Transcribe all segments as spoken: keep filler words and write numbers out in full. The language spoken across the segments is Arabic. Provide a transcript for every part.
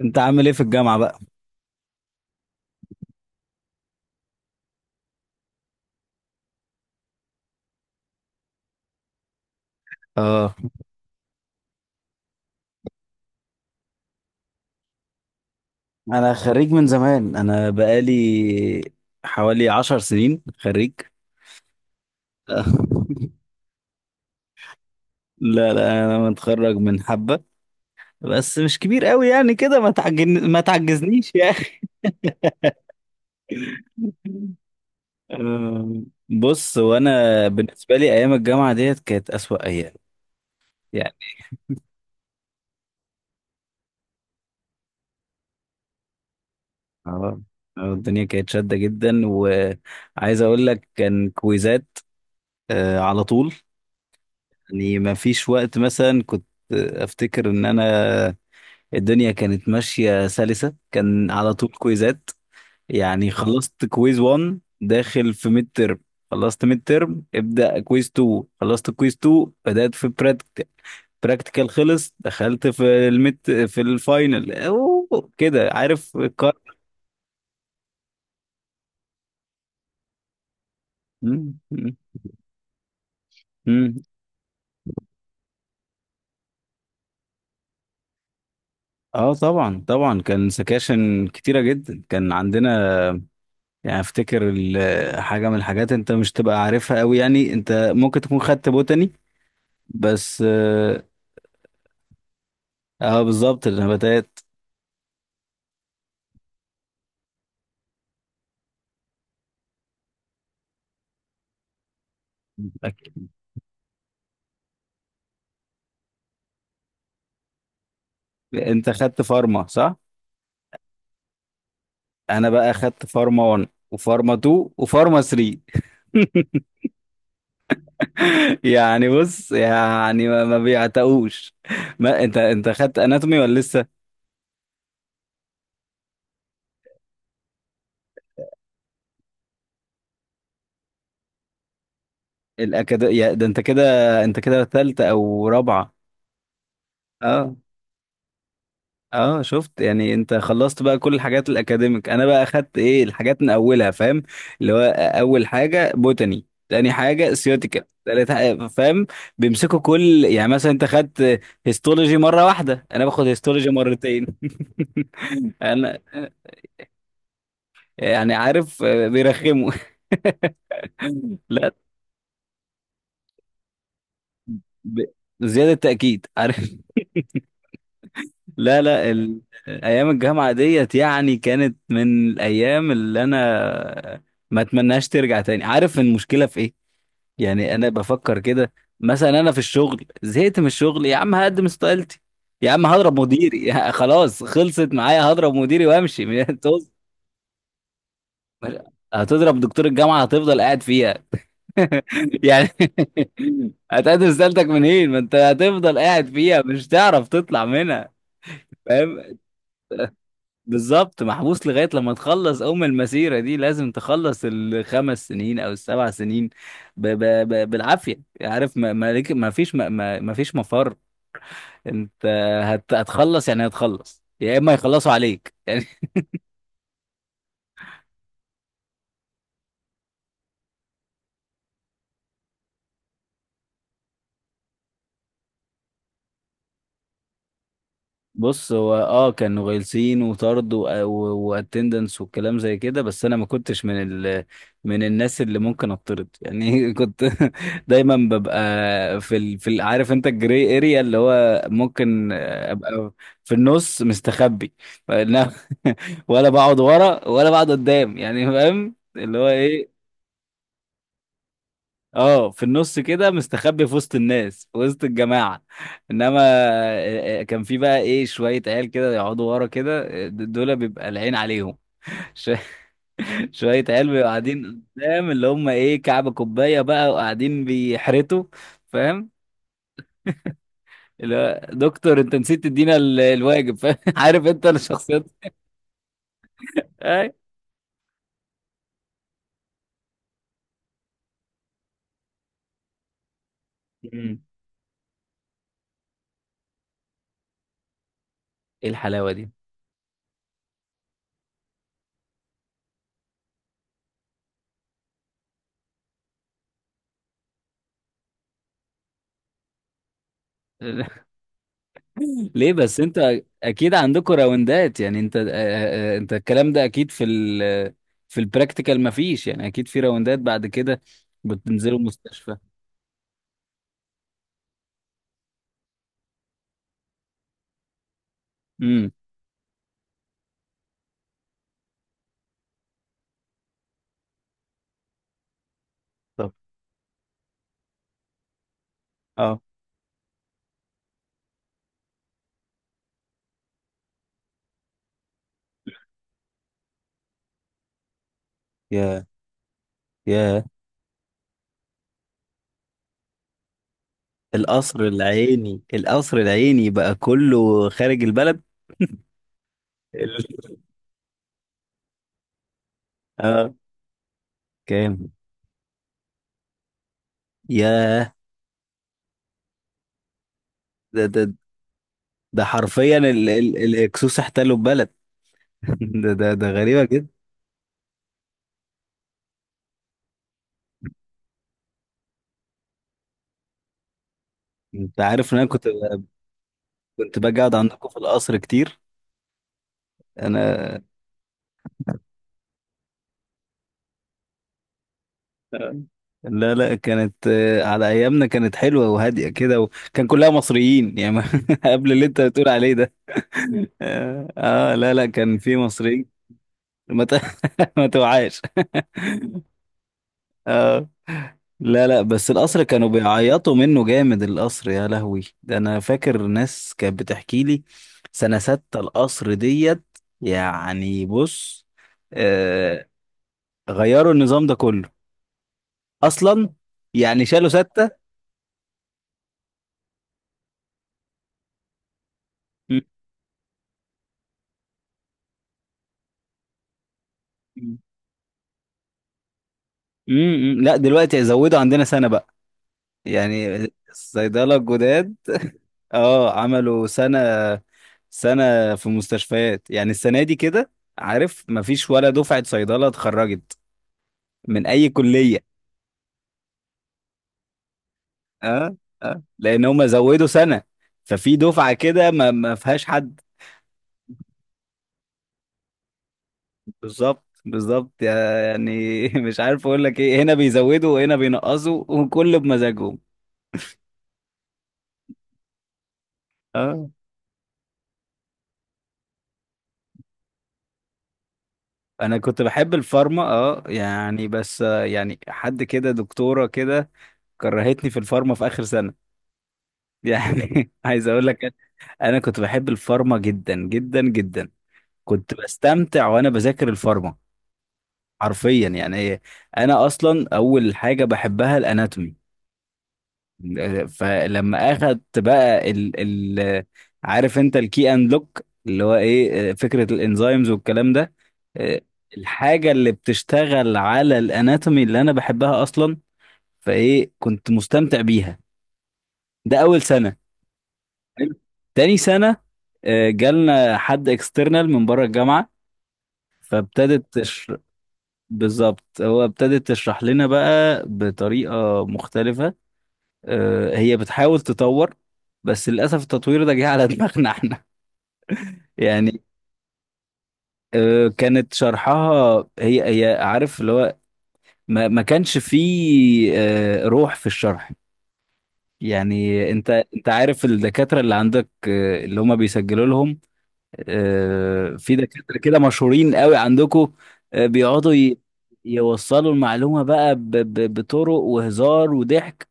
انت عامل ايه في الجامعة بقى؟ اه انا خريج من زمان، انا بقالي حوالي عشر سنين خريج. لا لا، انا متخرج من حبة، بس مش كبير قوي يعني كده. ما تعجن... ما تعجزنيش يا اخي. أم، بص، وانا بالنسبة لي ايام الجامعة ديت كانت اسوأ ايام يعني. اه آه، الدنيا كانت شادة جدا، وعايز اقول لك كان كويزات آه، على طول. يعني ما فيش وقت. مثلا كنت افتكر ان انا الدنيا كانت ماشية سلسة، كان على طول كويزات. يعني اه خلصت كويز واحد داخل في ميد ترم، خلصت ميد ترم ابدأ كويز اتنين، خلصت كويز التاني بدأت في براكتيكال، براكتيكال خلص دخلت في الميد، في الفاينل. أوه، كده عارف الكار. مم، مم، مم. اه طبعا طبعا، كان سكاشن كتيرة جدا كان عندنا. يعني افتكر ال- حاجة من الحاجات انت مش تبقى عارفها قوي. يعني انت ممكن تكون خدت بوتاني بس. اه بالظبط، النباتات. أكيد. انت خدت فارما صح؟ انا بقى خدت فارما واحد وفارما اتنين وفارما تلاتة. يعني بص، يعني ما, ما بيعتقوش. ما انت انت خدت اناتومي ولا لسه؟ الاكاد يا- ده انت كده، انت كده ثالثه او رابعه؟ اه اه، شفت؟ يعني انت خلصت بقى كل الحاجات الاكاديميك، انا بقى اخدت ايه الحاجات من اولها، فاهم؟ اللي هو اول حاجه بوتاني، تاني حاجه سيوتيكال، تالت حاجه فاهم. بيمسكوا كل يعني، مثلا انت خدت هيستولوجي مره واحده، انا باخد هيستولوجي مرتين. انا يعني عارف، آه، بيرخموا. لا ب... زياده تاكيد، عارف. لا لا ال... ايام الجامعه ديت يعني كانت من الايام اللي انا ما اتمناش ترجع تاني. عارف المشكله في ايه؟ يعني انا بفكر كده، مثلا انا في الشغل زهقت من الشغل، يا عم هقدم استقالتي، يا عم هضرب مديري، يا- خلاص خلصت معايا، هضرب مديري وامشي. هتوز- هتضرب دكتور الجامعة هتفضل قاعد فيها. يعني هتقدم استقالتك منين؟ ما انت هتفضل قاعد فيها، مش تعرف تطلع منها. فاهم؟ بالظبط، محبوس لغاية لما تخلص أم المسيرة دي، لازم تخلص الخمس سنين أو السبع سنين ب ب ب بالعافية. عارف؟ ما ما ليك- ما فيش ما ما ما فيش مفر. انت هت... هتخلص، يعني هتخلص يا اما يخلصوا عليك. يعني بص، هو اه كانوا غلسين وطرد واتندنس والكلام زي كده، بس انا ما كنتش من ال... من الناس اللي ممكن اتطرد يعني. كنت دايما ببقى في ال... في ال... عارف انت الجري اريا، اللي هو ممكن ابقى في النص مستخبي. فإنما- ولا بقعد ورا ولا بقعد قدام، يعني فاهم اللي هو ايه. اه في النص كده مستخبي في وسط الناس، في وسط الجماعة. انما آه، آه، كان في بقى ايه شوية عيال كده يقعدوا ورا كده، آه، د- دول بيبقى العين عليهم. ش- شوية عيال بيبقوا قاعدين قدام، اللي هم ايه، كعب كوباية بقى، وقاعدين بيحرتوا. فاهم؟ اللي هو دكتور، انت نسيت تدينا ال- الواجب، فاهم؟ عارف انت الشخصيات. اي. مم. ايه الحلاوة دي؟ ليه؟ بس انت اكيد عندكم راوندات، يعني انت آه، آه، انت الكلام ده اكيد في ال في البراكتيكال مفيش، يعني اكيد في راوندات بعد كده، بتنزلوا مستشفى. امم. طب اه. يا يا القصر العيني، القصر العيني بقى كله خارج البلد. ال- اه. كام؟ يا ده ده ده حرفيا، ال- ال- الاكسوس احتلوا البلد. ده ده ده غريبة جدا. انت عارف ان انا كنت، كنت باجي اقعد عندكم في القصر كتير. انا لا لا، كانت آه، على ايامنا كانت حلوه وهاديه كده، وكان كلها مصريين يعني. ما- قبل اللي انت بتقول عليه ده. اه آه، لا لا، كان في مصريين. ما ت- ما توعاش. اه لا لا، بس القصر كانوا بيعيطوا منه جامد. القصر يا لهوي، ده انا فاكر ناس كانت بتحكي لي سنه ستة القصر ديت. يعني بص، آه غيروا النظام ده كله اصلا. يعني شالوا ستة. م- م- م- لا دلوقتي زودوا عندنا سنه بقى، يعني الصيدلة الجداد. اه عملوا سنة، سنة في مستشفيات، يعني السنة دي كده. عارف مفيش ولا دفعة صيدلة اتخرجت من أي كلية. اه اه، لأن هم زودوا سنة، ففي دفعة كده ما ما فيهاش حد. بالظبط بالظبط. يعني مش عارف أقول لك إيه، هنا بيزودوا وهنا بينقصوا، وكل بمزاجهم. اه انا كنت بحب الفارما، اه يعني بس آه، يعني حد كده، دكتورة كده كرهتني في الفارما في آخر سنة يعني. عايز اقول لك انا كنت بحب الفارما جدا جدا جدا، كنت بستمتع وانا بذاكر الفارما حرفيا. يعني إيه، انا اصلا اول حاجه بحبها الاناتومي، فلما اخدت بقى ال ال عارف انت الكي اند لوك، اللي هو ايه آه، فكره الانزيمز والكلام ده إيه، الحاجه اللي بتشتغل على الاناتومي اللي انا بحبها اصلا، فايه كنت مستمتع بيها. ده اول سنه، حلو. تاني سنة آه، جالنا حد اكسترنال من بره الجامعة، فابتدت تشر... بالظبط، هو ابتدت تشرح لنا بقى بطريقة مختلفة. آه، هي بتحاول تطور، بس للأسف التطوير ده جه على دماغنا احنا. يعني آه، كانت شرحها هي هي، عارف اللي هو ما, ما كانش فيه آه، روح في الشرح. يعني انت، انت عارف الدكاترة اللي عندك آه، اللي هم بيسجلوا لهم، آه، في دكاترة كده مشهورين قوي عندكم، آه، بيقعدوا ي- يوصلوا المعلومة بقى ب- ب- بطرق وهزار وضحك.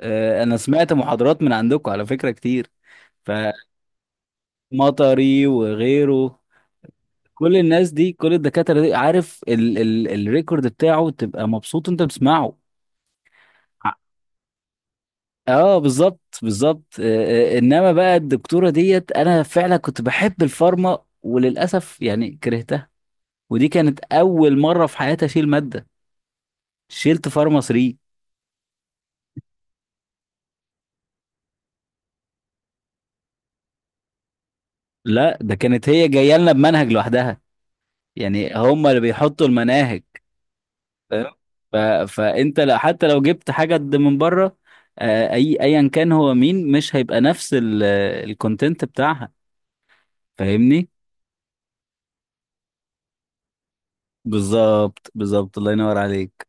آه، أنا سمعت محاضرات من عندكم على فكرة كتير، فمطري وغيره. كل الناس دي، كل الدكاترة دي، عارف ال ال الريكورد بتاعه تبقى مبسوط وانت بتسمعه. اه بالظبط بالظبط. آه، آه، انما بقى الدكتورة ديت، انا فعلا كنت بحب الفارما وللاسف يعني كرهتها، ودي كانت أول مرة في حياتي أشيل مادة. شلت فارما التالتة. لا ده كانت هي جاية لنا بمنهج لوحدها، يعني هم اللي بيحطوا المناهج، فاهم؟ ف... فأنت لا، حتى لو جبت حاجة قد من بره، آه، أي أيا كان هو مين، مش هيبقى نفس ال... الكونتنت بتاعها، فاهمني؟ بالظبط بالظبط، الله ينور عليك.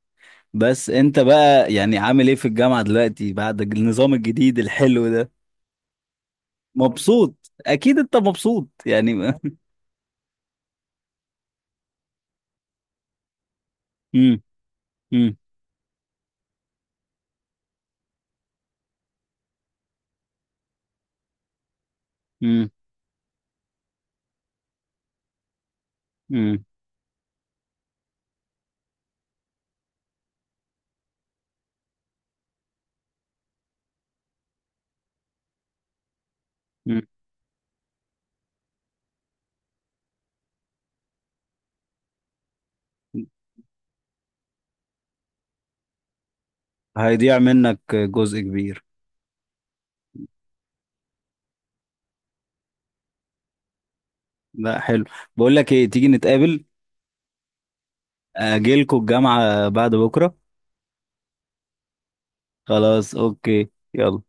بس أنت بقى يعني عامل إيه في الجامعة دلوقتي بعد النظام الجديد الحلو ده؟ مبسوط، أكيد أنت مبسوط يعني. امم. امم. مم. مم. هيضيع منك جزء كبير. لا حلو. بقول لك ايه، تيجي نتقابل. آه، اجيلكوا الجامعة بعد بكرة. خلاص اوكي، يلا.